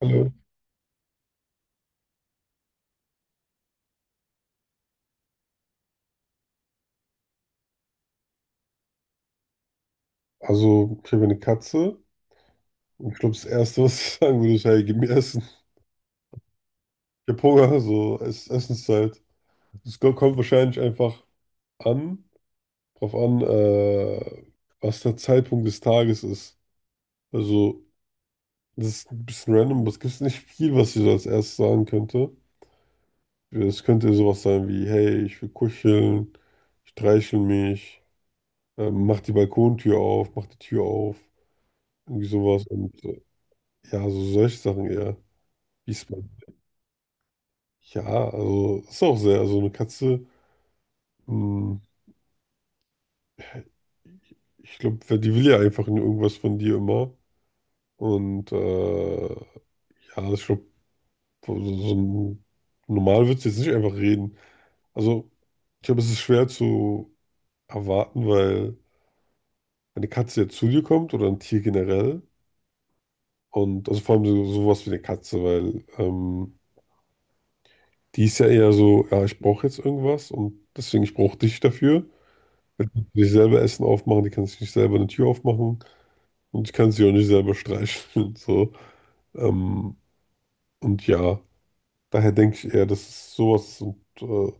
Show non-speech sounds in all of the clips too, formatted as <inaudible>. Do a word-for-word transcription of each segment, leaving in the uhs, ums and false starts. Hallo. Also, okay, wir eine Katze. Und Ich glaube, das Erste, was ich <laughs> sagen würde, ist, hey, gib mir Essen. Ich hab Hunger, so Ess Essenszeit. Es ko- kommt wahrscheinlich einfach an, drauf an, äh, was der Zeitpunkt des Tages ist. Also, das ist ein bisschen random, aber es gibt nicht viel, was ich so als erstes sagen könnte. Es könnte ja sowas sein wie, hey, ich will kuscheln, streichel mich, ähm, mach die Balkontür auf, mach die Tür auf, irgendwie sowas. Und äh, ja, so solche Sachen eher. Wie ist. Ja, also ist auch sehr, also eine Katze, mh, ich glaube, die will ja einfach nur irgendwas von dir immer. Und äh, ja, ich glaube, so, so so ein- normal wird sie jetzt nicht einfach reden. Also ich glaube, es ist schwer zu erwarten, weil wenn eine Katze jetzt zu dir kommt oder ein Tier generell und also vor allem so, sowas wie eine Katze, weil ähm, die ist ja eher so, ja, ich brauche jetzt irgendwas und deswegen ich brauche dich dafür. Die kann sich selber Essen aufmachen, die kann sich nicht selber eine Tür aufmachen. Und ich kann sie auch nicht selber streicheln und so. Ähm, und ja, daher denke ich eher, das ist sowas. Und äh,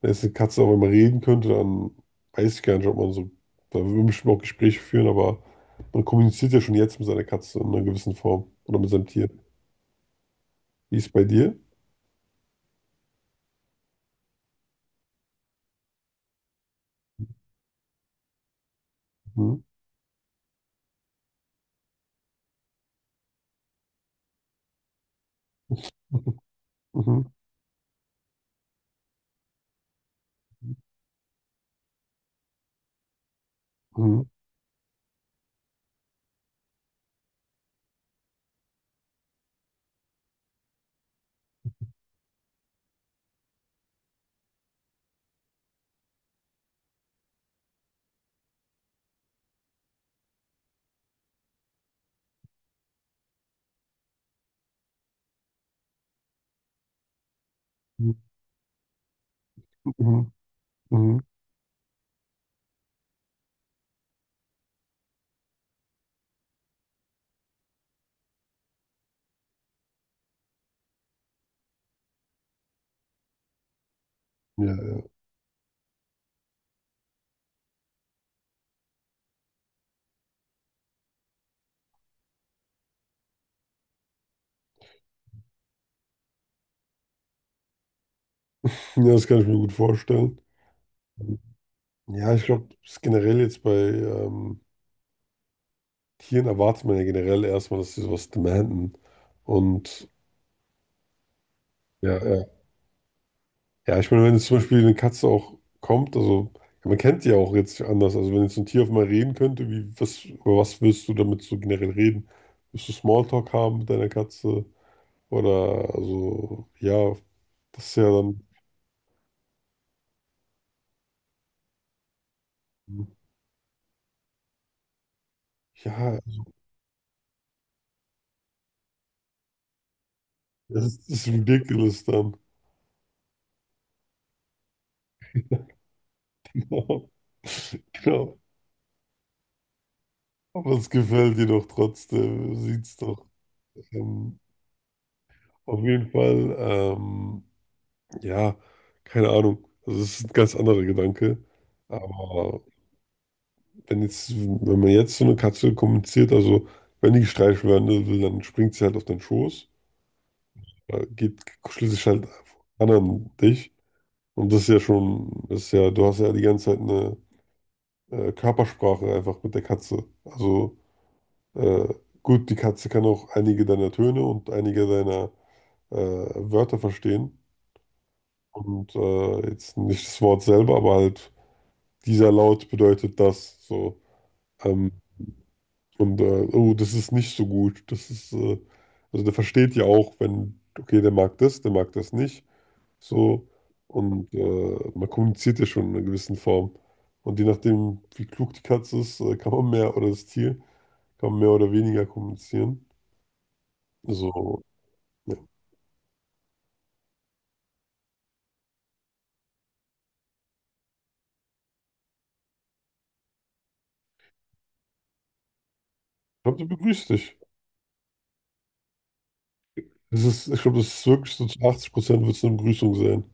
wenn jetzt eine Katze auch einmal reden könnte, dann weiß ich gar nicht, ob man so, da würde man bestimmt auch Gespräche führen, aber man kommuniziert ja schon jetzt mit seiner Katze in einer gewissen Form oder mit seinem Tier. Wie ist es bei dir? Mhm. Mhm. Mhm. Mhm. Mhm. Mhm. Ja, ja. Ja, das kann ich mir gut vorstellen. Ja, ich glaube, das ist generell jetzt bei ähm, Tieren erwartet man ja generell erstmal, dass sie sowas demanden. Und ja, ja. Ja, ich meine, wenn jetzt zum Beispiel eine Katze auch kommt, also ja, man kennt die ja auch jetzt nicht anders. Also wenn jetzt ein Tier auf einmal reden könnte, wie, was, über was willst du damit so generell reden? Willst du Smalltalk haben mit deiner Katze? Oder also, ja, das ist ja dann, ja, das ist, das ist ridiculous dann. <laughs> Genau. Genau. Aber es gefällt dir doch trotzdem. Sieht's doch. Ähm, auf jeden Fall. Ähm, Ja, keine Ahnung. Also es ist ein ganz anderer Gedanke. Aber wenn jetzt, wenn man jetzt so eine Katze kommuniziert, also wenn die gestreichelt werden will, dann springt sie halt auf deinen Schoß, äh, geht, kuschelt sich halt an an dich. Und das ist ja schon, das ist ja, du hast ja die ganze Zeit eine äh, Körpersprache einfach mit der Katze. Also äh, gut, die Katze kann auch einige deiner Töne und einige deiner äh, Wörter verstehen. Und äh, jetzt nicht das Wort selber, aber halt dieser Laut bedeutet das. So. Ähm, und, äh, oh, das ist nicht so gut. Das ist, äh, also der versteht ja auch, wenn, okay, der mag das, der mag das nicht. So. Und äh, man kommuniziert ja schon in einer gewissen Form. Und je nachdem, wie klug die Katze ist, äh, kann man mehr oder das Tier, kann man mehr oder weniger kommunizieren. So, ja. Ich glaube, der begrüßt dich. Das ist, ich glaube, das ist wirklich so zu achtzig Prozent wird es eine Begrüßung sein.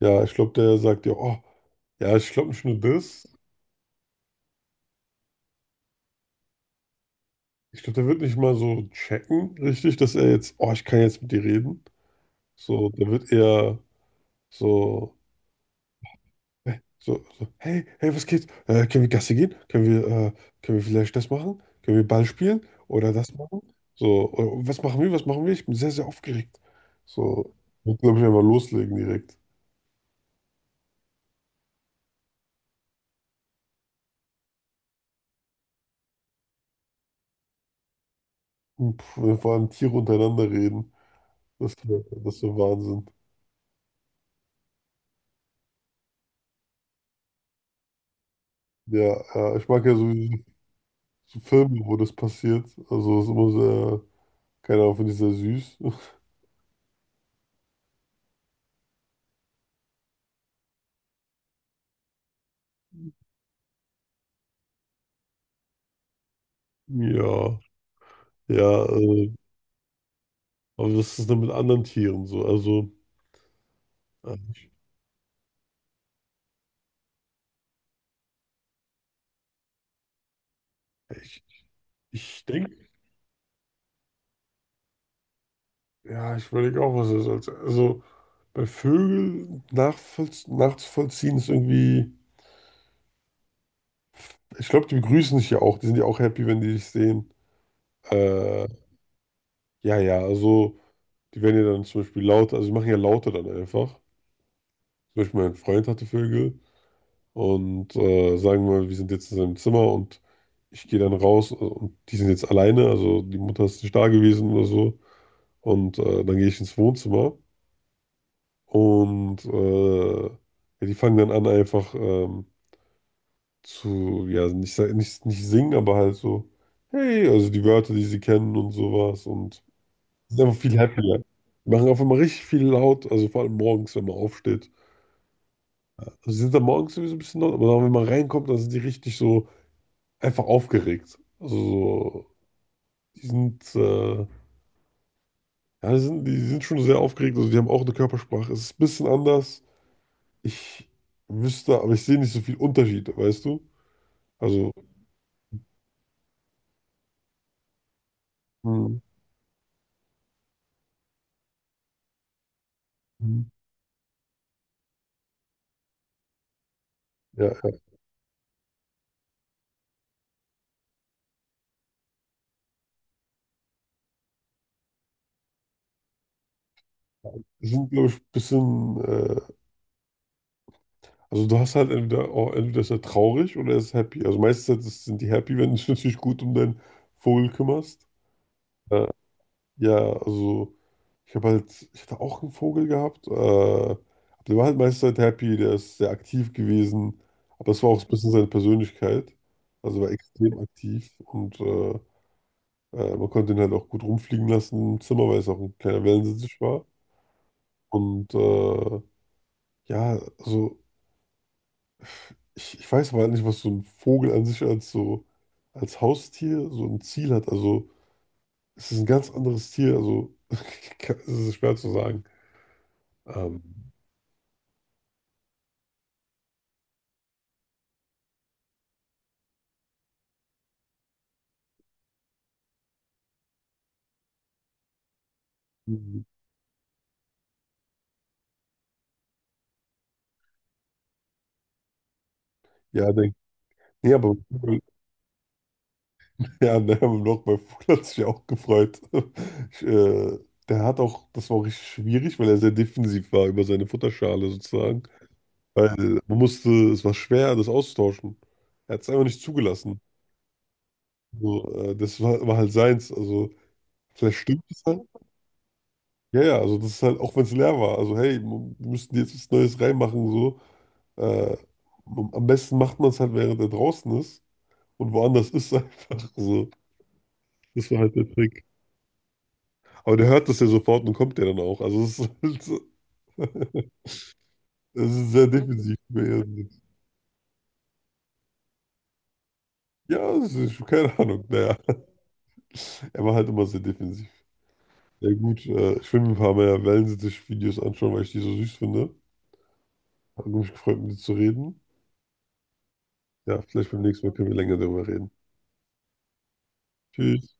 Ja, ich glaube, der sagt ja, oh, ja, ich glaube nicht nur das. Ich glaube, der wird nicht mal so checken, richtig, dass er jetzt, oh, ich kann jetzt mit dir reden. So, der wird eher so, hä, so, so hey, hey, was geht? Äh, können wir Gassi gehen? Können wir, äh, können wir vielleicht das machen? Können wir Ball spielen? Oder das machen? So, oder, was machen wir? Was machen wir? Ich bin sehr, sehr aufgeregt. So, wird, glaube ich, einfach loslegen direkt. Und pff, wenn vor allem Tiere untereinander reden. Das wäre, das wär Wahnsinn. Ja, äh, ich mag ja so, so Filme, wo das passiert. Also, es ist immer sehr. Keine Ahnung, finde ich sehr süß. <laughs> Ja, ja, äh, aber das ist dann mit anderen Tieren so. Also, äh, ich, ich, ich denke, ja, ich überlege auch, was das als. Also, bei Vögeln nachvollz nachzuvollziehen ist irgendwie. Ich glaube, die begrüßen sich ja auch. Die sind ja auch happy, wenn die dich sehen. Äh, ja, ja, also, die werden ja dann zum Beispiel lauter. Also, die machen ja lauter dann einfach. Zum Beispiel, mein Freund hatte Vögel. Und äh, sagen wir mal, wir sind jetzt in seinem Zimmer und ich gehe dann raus, äh, und die sind jetzt alleine, also die Mutter ist nicht da gewesen oder so. Und äh, dann gehe ich ins Wohnzimmer und äh, ja, die fangen dann an einfach ähm, zu, ja, nicht, sa- nicht, nicht singen, aber halt so, hey, also die Wörter, die sie kennen und sowas und sind einfach viel happier. Die machen auf einmal richtig viel laut, also vor allem morgens, wenn man aufsteht. Also sie sind dann morgens sowieso ein bisschen laut, aber dann, wenn man reinkommt, dann sind die richtig so einfach aufgeregt. Also, so, die sind, äh, ja, die sind, die sind schon sehr aufgeregt. Also, die haben auch eine Körpersprache. Es ist ein bisschen anders. Ich wüsste, aber ich sehe nicht so viel Unterschied, weißt du? Also. Mhm. Mhm. Ja, ja. Die sind, glaube ich, ein bisschen, äh, also du hast halt entweder, oh, entweder ist er traurig oder er ist happy. Also meistens sind die happy, wenn du dich natürlich gut um deinen Vogel kümmerst. Äh, Ja, also ich habe halt, ich hatte auch einen Vogel gehabt, äh, aber der war halt meiste Zeit happy, der ist sehr aktiv gewesen, aber das war auch so ein bisschen seine Persönlichkeit, also war extrem aktiv und äh, äh, man konnte ihn halt auch gut rumfliegen lassen im Zimmer, weil es auch ein kleiner Wellensittich war und äh, ja, also ich, ich weiß aber halt nicht, was so ein Vogel an sich als so, als Haustier so ein Ziel hat, also es ist ein ganz anderes Tier, also <laughs> es ist schwer zu sagen. Ähm, Ja, denk, nee, aber <laughs> ja, ne, beim Loch bei Fuhl <laughs> hat sich auch gefreut. <laughs> Ich, äh, der hat auch, das war auch richtig schwierig, weil er sehr defensiv war über seine Futterschale sozusagen. Weil man musste, es war schwer, das auszutauschen. Er hat es einfach nicht zugelassen. So, äh, das war, war halt seins. Also, vielleicht stimmt es halt. Ja, ja, also das ist halt, auch wenn es leer war. Also, hey, wir müssen jetzt was Neues reinmachen, so. Äh, am besten macht man es halt, während er draußen ist und woanders ist, <laughs> einfach so. Das war halt der Trick. Aber der hört das ja sofort und kommt ja dann auch. Also es ist halt so- <laughs> es ist sehr defensiv. Ja, es ist, keine Ahnung. Naja, er war halt immer sehr defensiv. Ja gut, äh, ich will mir ein paar mehr Wellensittich-Videos anschauen, weil ich die so süß finde. Hat mich gefreut, mit dir zu reden. Ja, vielleicht beim nächsten Mal können wir länger darüber reden. Tschüss.